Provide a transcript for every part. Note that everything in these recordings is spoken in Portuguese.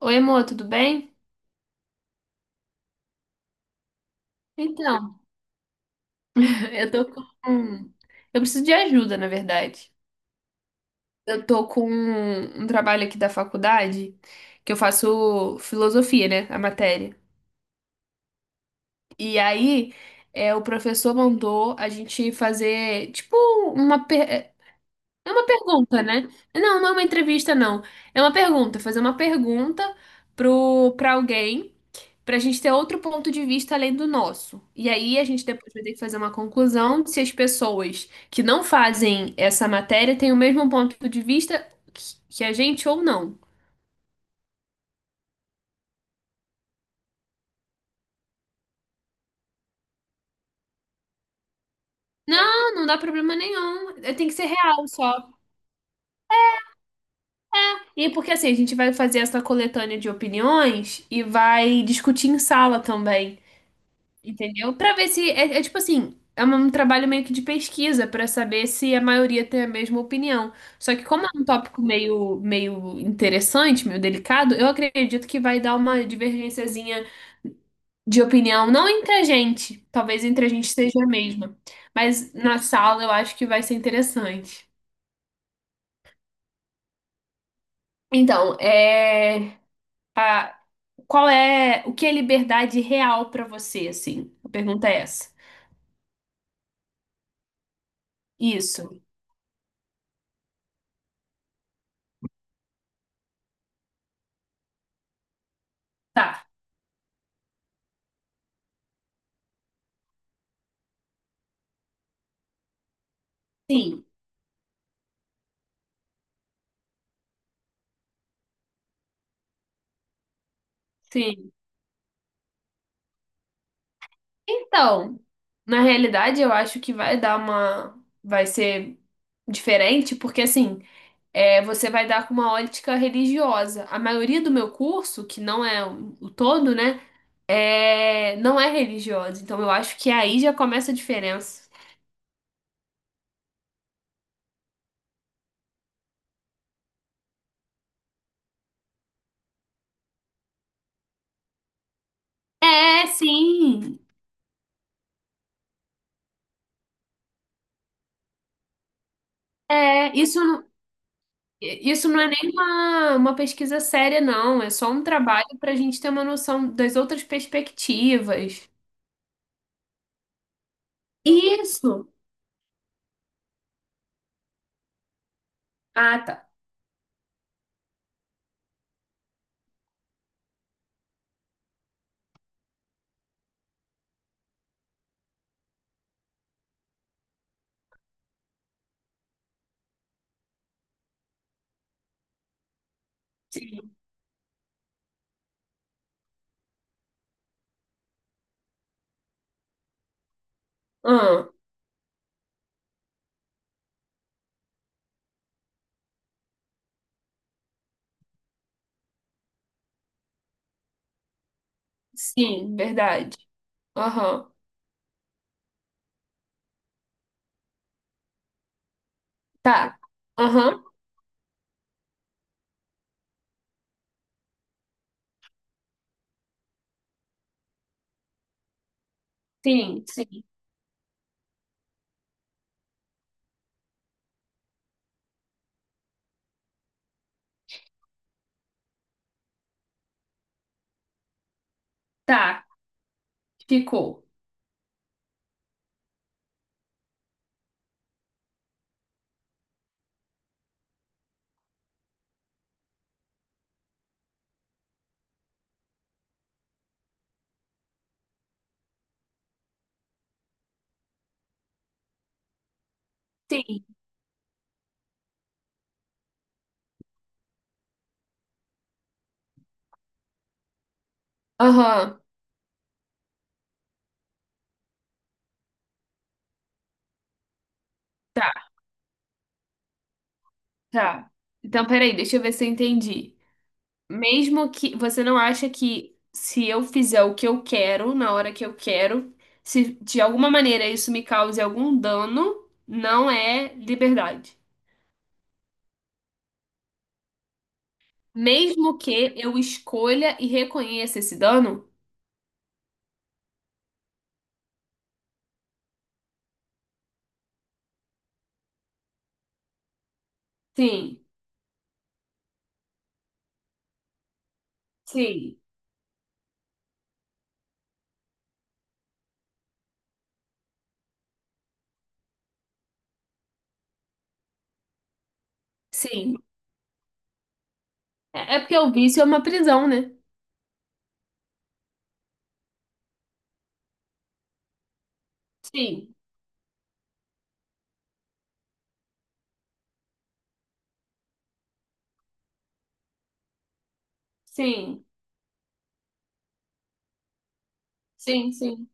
Oi, amor, tudo bem? Então, eu tô com. Eu preciso de ajuda, na verdade. Eu tô com um trabalho aqui da faculdade, que eu faço filosofia, né? A matéria. E aí, o professor mandou a gente fazer, tipo, uma. Per- É é uma pergunta, né? Não, não é uma entrevista, não. É uma pergunta. Fazer uma pergunta pra alguém, para a gente ter outro ponto de vista além do nosso. E aí a gente depois vai ter que fazer uma conclusão de se as pessoas que não fazem essa matéria têm o mesmo ponto de vista que a gente ou não. Não, não dá problema nenhum. É, tem que ser real só. E porque assim, a gente vai fazer essa coletânea de opiniões e vai discutir em sala também. Entendeu? Pra ver se é, é tipo assim, é um trabalho meio que de pesquisa pra saber se a maioria tem a mesma opinião. Só que como é um tópico meio interessante, meio delicado, eu acredito que vai dar uma divergênciazinha de opinião, não entre a gente, talvez entre a gente seja a mesma, mas na sala eu acho que vai ser interessante. Então, a- qual é, o que é liberdade real pra você, assim? A pergunta é essa. Isso. Tá. Sim. Sim. Então, na realidade, eu acho que vai dar uma. vai ser diferente, porque assim, é, você vai dar com uma ótica religiosa. A maioria do meu curso, que não é o todo, né? Não é religiosa. Então, eu acho que aí já começa a diferença. É, sim. É, isso, não- isso não é nem uma pesquisa séria, não. É só um trabalho para a gente ter uma noção das outras perspectivas. Isso. Ah, tá. Sim. Sim, verdade. Aham. Tá. Aham. Sim, sim. Tá. Ficou. Sim. Aham. Tá, tá. Então, peraí, deixa eu ver se eu entendi. Mesmo que você não acha que se eu fizer o que eu quero na hora que eu quero, se de alguma maneira isso me cause algum dano, não é liberdade. Mesmo que eu escolha e reconheça esse dano? Sim, sim, sim. É porque o vício é uma prisão, né? Sim. Sim, sim, sim,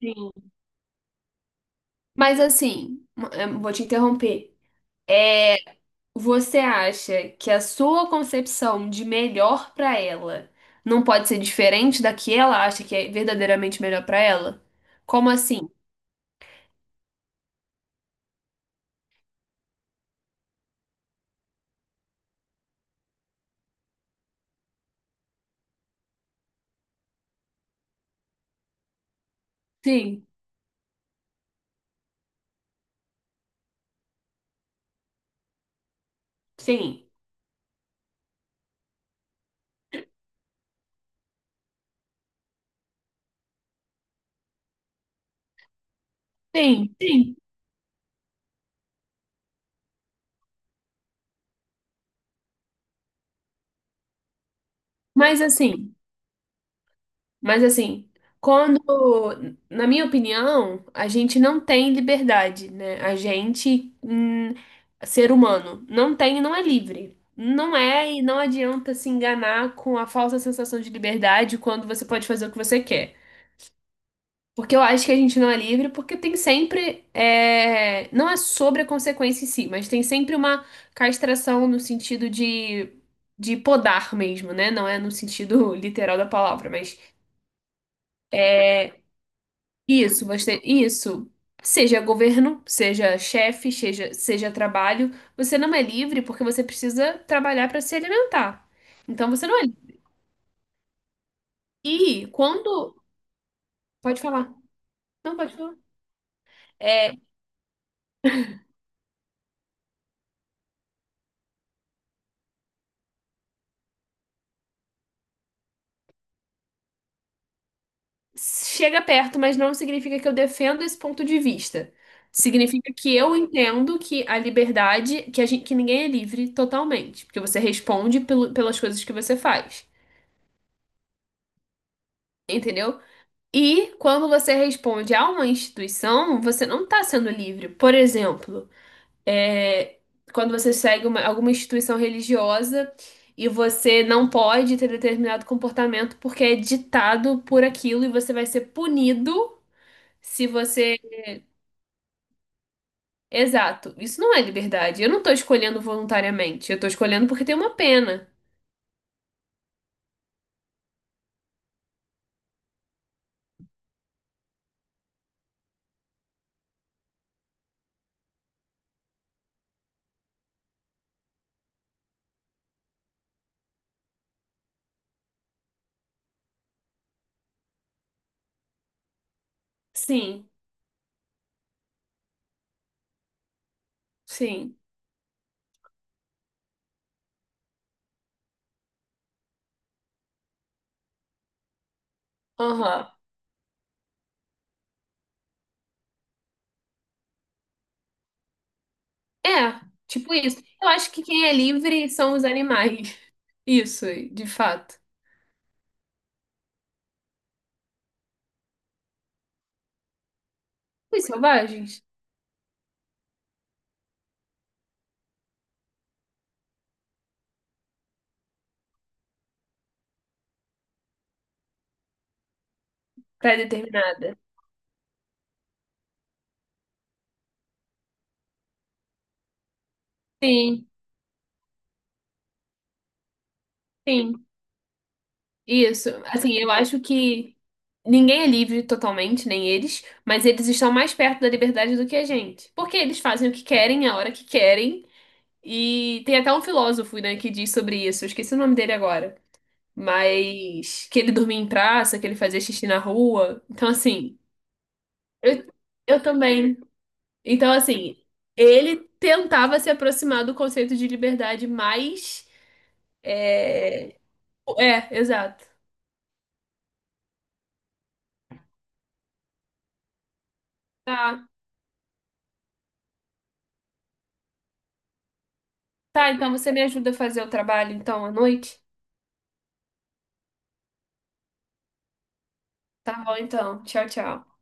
sim. Mas assim, vou te interromper. É, você acha que a sua concepção de melhor pra ela não pode ser diferente da que ela acha que é verdadeiramente melhor pra ela? Como assim? Sim, sim, sim, sim. Mas assim, Mas assim, quando, na minha opinião, a gente não tem liberdade, né? Ser humano, não tem e não é livre. Não é, e não adianta se enganar com a falsa sensação de liberdade quando você pode fazer o que você quer. Porque eu acho que a gente não é livre, porque não é sobre a consequência em si, mas tem sempre uma castração no sentido de podar mesmo, né? Não é no sentido literal da palavra, mas. Isso. Seja governo, seja chefe, seja trabalho, você não é livre porque você precisa trabalhar para se alimentar. Então você não é livre. E quando. Pode falar. Não, pode falar. É, chega perto, mas não significa que eu defendo esse ponto de vista. Significa que eu entendo que a liberdade, que a gente, que ninguém é livre totalmente, porque você responde pelas coisas que você faz. Entendeu? E quando você responde a uma instituição, você não está sendo livre. Por exemplo, é, quando você segue alguma instituição religiosa e você não pode ter determinado comportamento porque é ditado por aquilo e você vai ser punido se você. Exato, isso não é liberdade. Eu não estou escolhendo voluntariamente, eu estou escolhendo porque tem uma pena. Sim, sim. Aham. É, tipo isso. Eu acho que quem é livre são os animais. Isso, de fato. Os selvagens, pré-determinada. Sim, sim, isso. Assim, eu acho que ninguém é livre totalmente, nem eles, mas eles estão mais perto da liberdade do que a gente. Porque eles fazem o que querem, a hora que querem. E tem até um filósofo, né, que diz sobre isso. Eu esqueci o nome dele agora. Mas que ele dormia em praça, que ele fazia xixi na rua. Então, assim, eu, eu também. Então, assim, ele tentava se aproximar do conceito de liberdade mais. eh, É, exato. Tá. Tá, então você me ajuda a fazer o trabalho então à noite? Tá bom, então. Tchau, tchau.